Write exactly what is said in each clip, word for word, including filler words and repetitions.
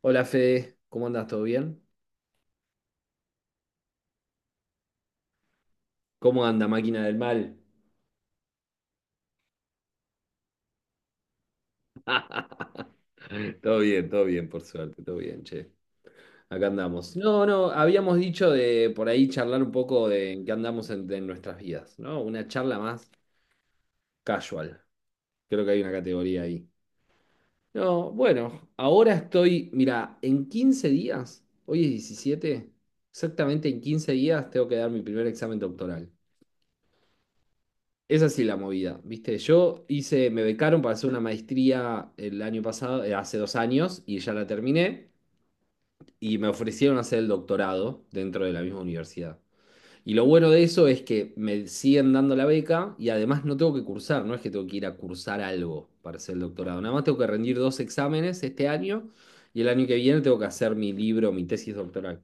Hola Fede, ¿cómo andas? ¿Todo bien? ¿Cómo anda, máquina del mal? Todo bien, todo bien, por suerte, todo bien, che. Acá andamos. No, no, habíamos dicho de por ahí charlar un poco de en qué andamos en, en nuestras vidas, ¿no? Una charla más casual. Creo que hay una categoría ahí. No, bueno, ahora estoy, mira, en quince días, hoy es diecisiete, exactamente en quince días tengo que dar mi primer examen doctoral. Es así la movida, ¿viste? Yo hice, me becaron para hacer una maestría el año pasado, eh, hace dos años, y ya la terminé, y me ofrecieron hacer el doctorado dentro de la misma universidad. Y lo bueno de eso es que me siguen dando la beca y además no tengo que cursar, no es que tengo que ir a cursar algo para hacer el doctorado, nada más tengo que rendir dos exámenes este año y el año que viene tengo que hacer mi libro, mi tesis doctoral.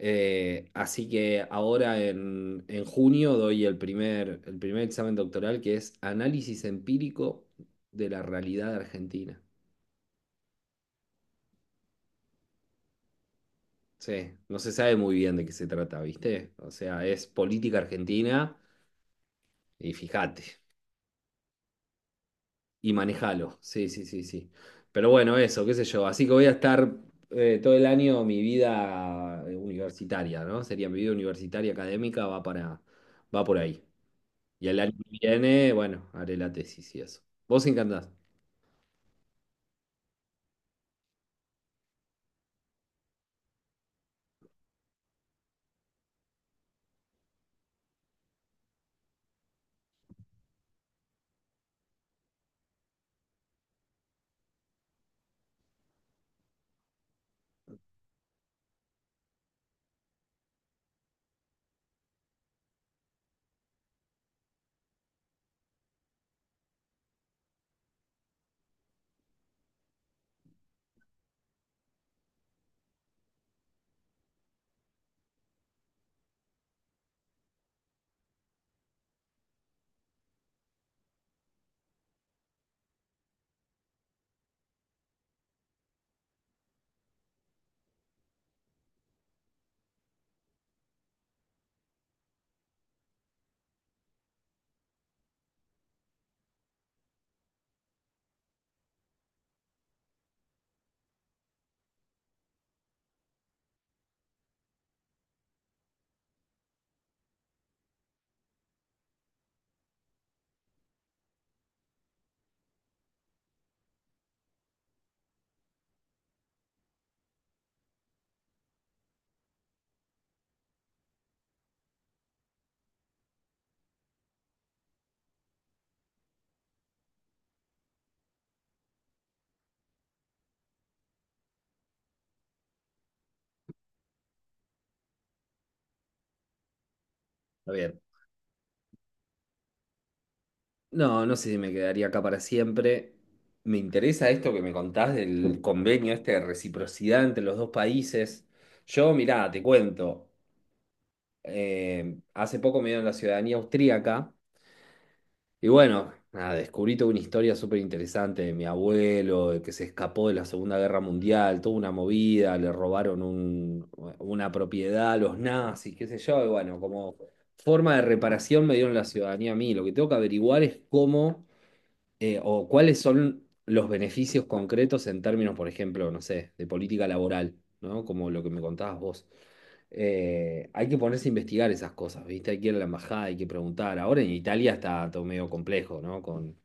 Eh, así que ahora en, en junio doy el primer, el primer examen doctoral que es Análisis Empírico de la Realidad Argentina. Sí, no se sabe muy bien de qué se trata, ¿viste? O sea, es política argentina y fíjate, y manejalo. Sí, sí, sí, sí. Pero bueno, eso, qué sé yo. Así que voy a estar eh, todo el año mi vida eh, universitaria, ¿no? Sería mi vida universitaria académica, va para, va por ahí. Y el año que viene, bueno, haré la tesis y eso. ¿Vos encantás? Está bien. No, no sé si me quedaría acá para siempre. Me interesa esto que me contás del convenio este de reciprocidad entre los dos países. Yo, mirá, te cuento. eh, hace poco me dieron la ciudadanía austríaca. Y bueno, nada, descubrí toda una historia súper interesante de mi abuelo, de que se escapó de la Segunda Guerra Mundial, toda una movida, le robaron un- una propiedad a los nazis, qué sé yo, y bueno, como forma de reparación me dieron la ciudadanía a mí. Lo que tengo que averiguar es cómo eh, o cuáles son los beneficios concretos en términos, por ejemplo, no sé, de política laboral, ¿no? Como lo que me contabas vos. Eh, hay que ponerse a investigar esas cosas, ¿viste? Hay que ir a la embajada, hay que preguntar. Ahora en Italia está todo medio complejo, ¿no? Con,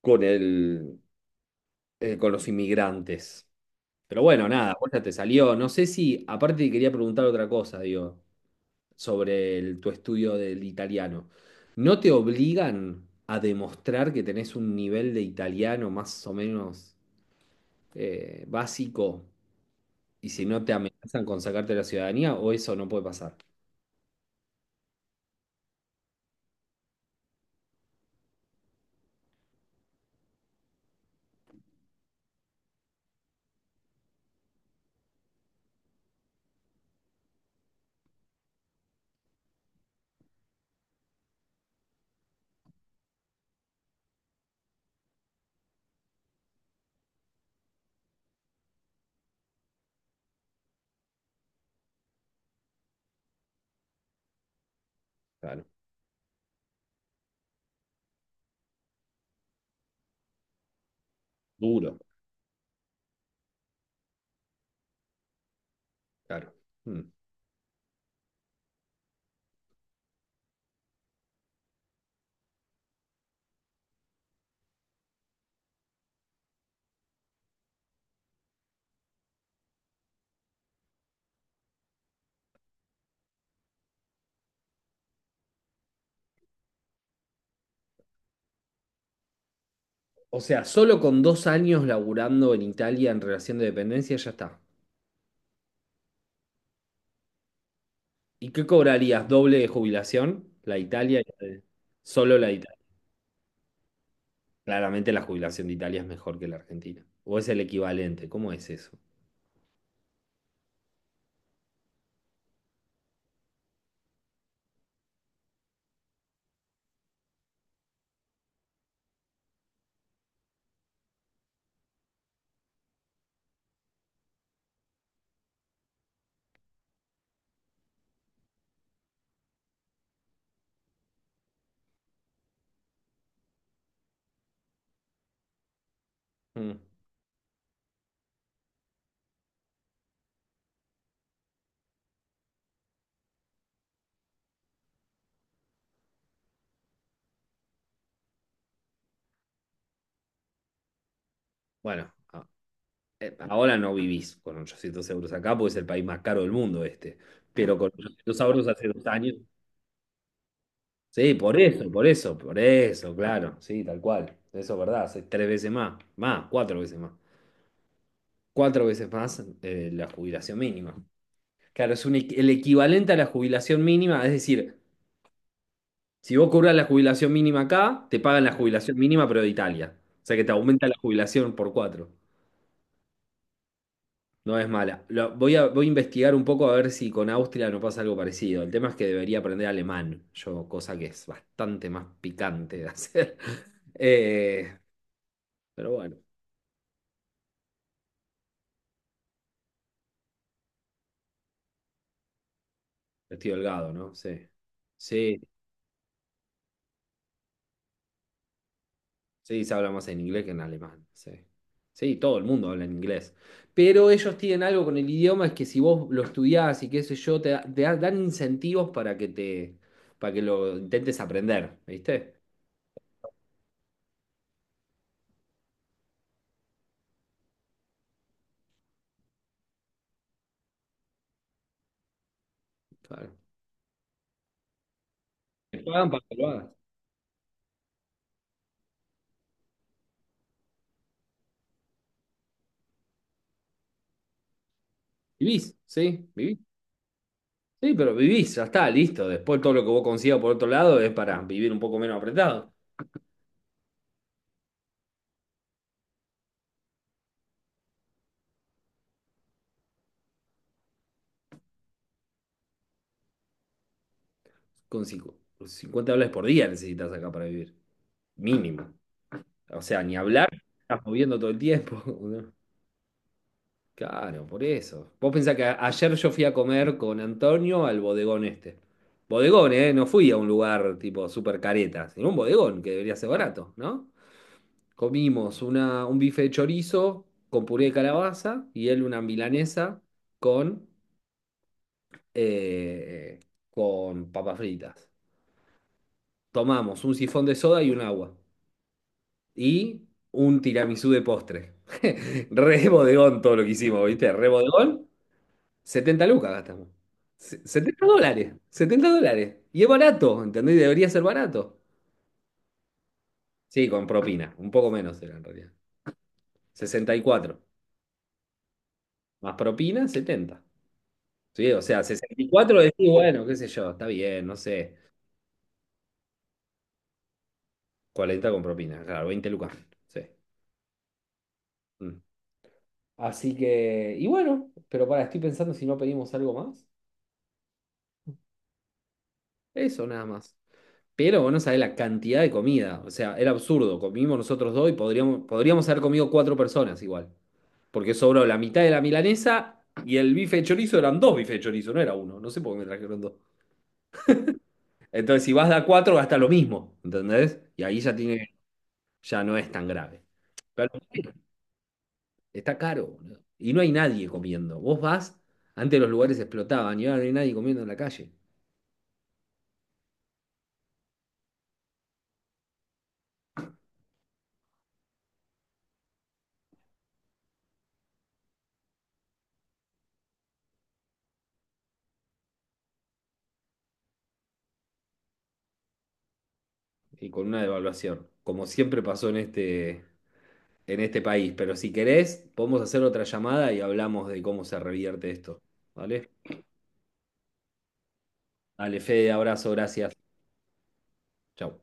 con el, eh, con los inmigrantes. Pero bueno, nada, vos ya te salió. No sé si, aparte te quería preguntar otra cosa, digo sobre el- tu estudio del italiano, ¿no te obligan a demostrar que tenés un nivel de italiano más o menos eh, básico y si no te amenazan con sacarte la ciudadanía o eso no puede pasar? Claro, duro, claro. Mm. O sea, solo con dos años laburando en Italia en relación de dependencia ya está. ¿Y qué cobrarías? ¿Doble de jubilación? La Italia, y la de- solo la de Italia. Claramente la jubilación de Italia es mejor que la Argentina. ¿O es el equivalente? ¿Cómo es eso? Mm. Bueno, a- eh, ahora no vivís con ochocientos euros acá porque es el país más caro del mundo este. Pero con ochocientos euros hace dos años. Sí, por eso, por eso, por eso, claro. Sí, tal cual. Eso es verdad. Hace tres veces más. Más, cuatro veces más. Cuatro veces más eh, la jubilación mínima. Claro, es un, equ- el equivalente a la jubilación mínima. Es decir, si vos cobras la jubilación mínima acá, te pagan la jubilación mínima, pero de Italia. O sea que te aumenta la jubilación por cuatro. No es mala. Lo- voy a, voy a investigar un poco a ver si con Austria no pasa algo parecido. El tema es que debería aprender alemán, yo, cosa que es bastante más picante de hacer. Eh, pero bueno, estoy holgado, ¿no? Sí. Sí, sí, se habla más en inglés que en alemán. Sí. Sí, todo el mundo habla en inglés. Pero ellos tienen algo con el idioma, es que si vos lo estudiás y qué sé yo, te, da- te da- dan incentivos para que te, para que lo intentes aprender, ¿viste? Claro. Te pagan para que lo hagas. Vivís, sí, vivís. Sí, pero vivís, ya está, listo. Después todo lo que vos consigas por otro lado es para vivir un poco menos apretado. Con cincu- cincuenta dólares por día necesitas acá para vivir. Mínimo. O sea, ni hablar, estás moviendo todo el tiempo. Claro, por eso. Vos pensás que a- ayer yo fui a comer con Antonio al bodegón este. Bodegón, ¿eh? No fui a un lugar tipo super careta, sino un bodegón que debería ser barato, ¿no? Comimos una, un bife de chorizo con puré de calabaza y él una milanesa con, eh, con papas fritas. Tomamos un sifón de soda y un agua. Y un tiramisú de postre. Re bodegón todo lo que hicimos, ¿viste? Re bodegón. setenta lucas gastamos. Se- setenta dólares. Setenta dólares. Y es barato, ¿entendés? Debería ser barato. Sí, con propina. Un poco menos era en realidad. Sesenta y cuatro. Más propina, setenta. Sí, o sea, sesenta y cuatro decís, bueno, qué sé yo, está bien, no sé. Cuarenta con propina, claro, veinte lucas. Sí. Mm. Así que, y bueno, pero para, estoy pensando si no pedimos algo más. Eso nada más. Pero vos no sabés la cantidad de comida. O sea, era absurdo. Comimos nosotros dos y podríamos, podríamos haber comido cuatro personas igual. Porque sobró la mitad de la milanesa y el bife de chorizo eran dos bifes de chorizo, no era uno. No sé por qué me trajeron dos. Entonces, si vas de a cuatro, gasta lo mismo. ¿Entendés? Y ahí ya tiene, ya no es tan grave. Está caro, boludo. Y no hay nadie comiendo. Vos vas, antes los lugares explotaban y ahora no hay nadie comiendo en la calle. Y con una devaluación, como siempre pasó en este, en este país. Pero si querés, podemos hacer otra llamada y hablamos de cómo se revierte esto. ¿Vale? Dale, Fede, abrazo, gracias. Chau.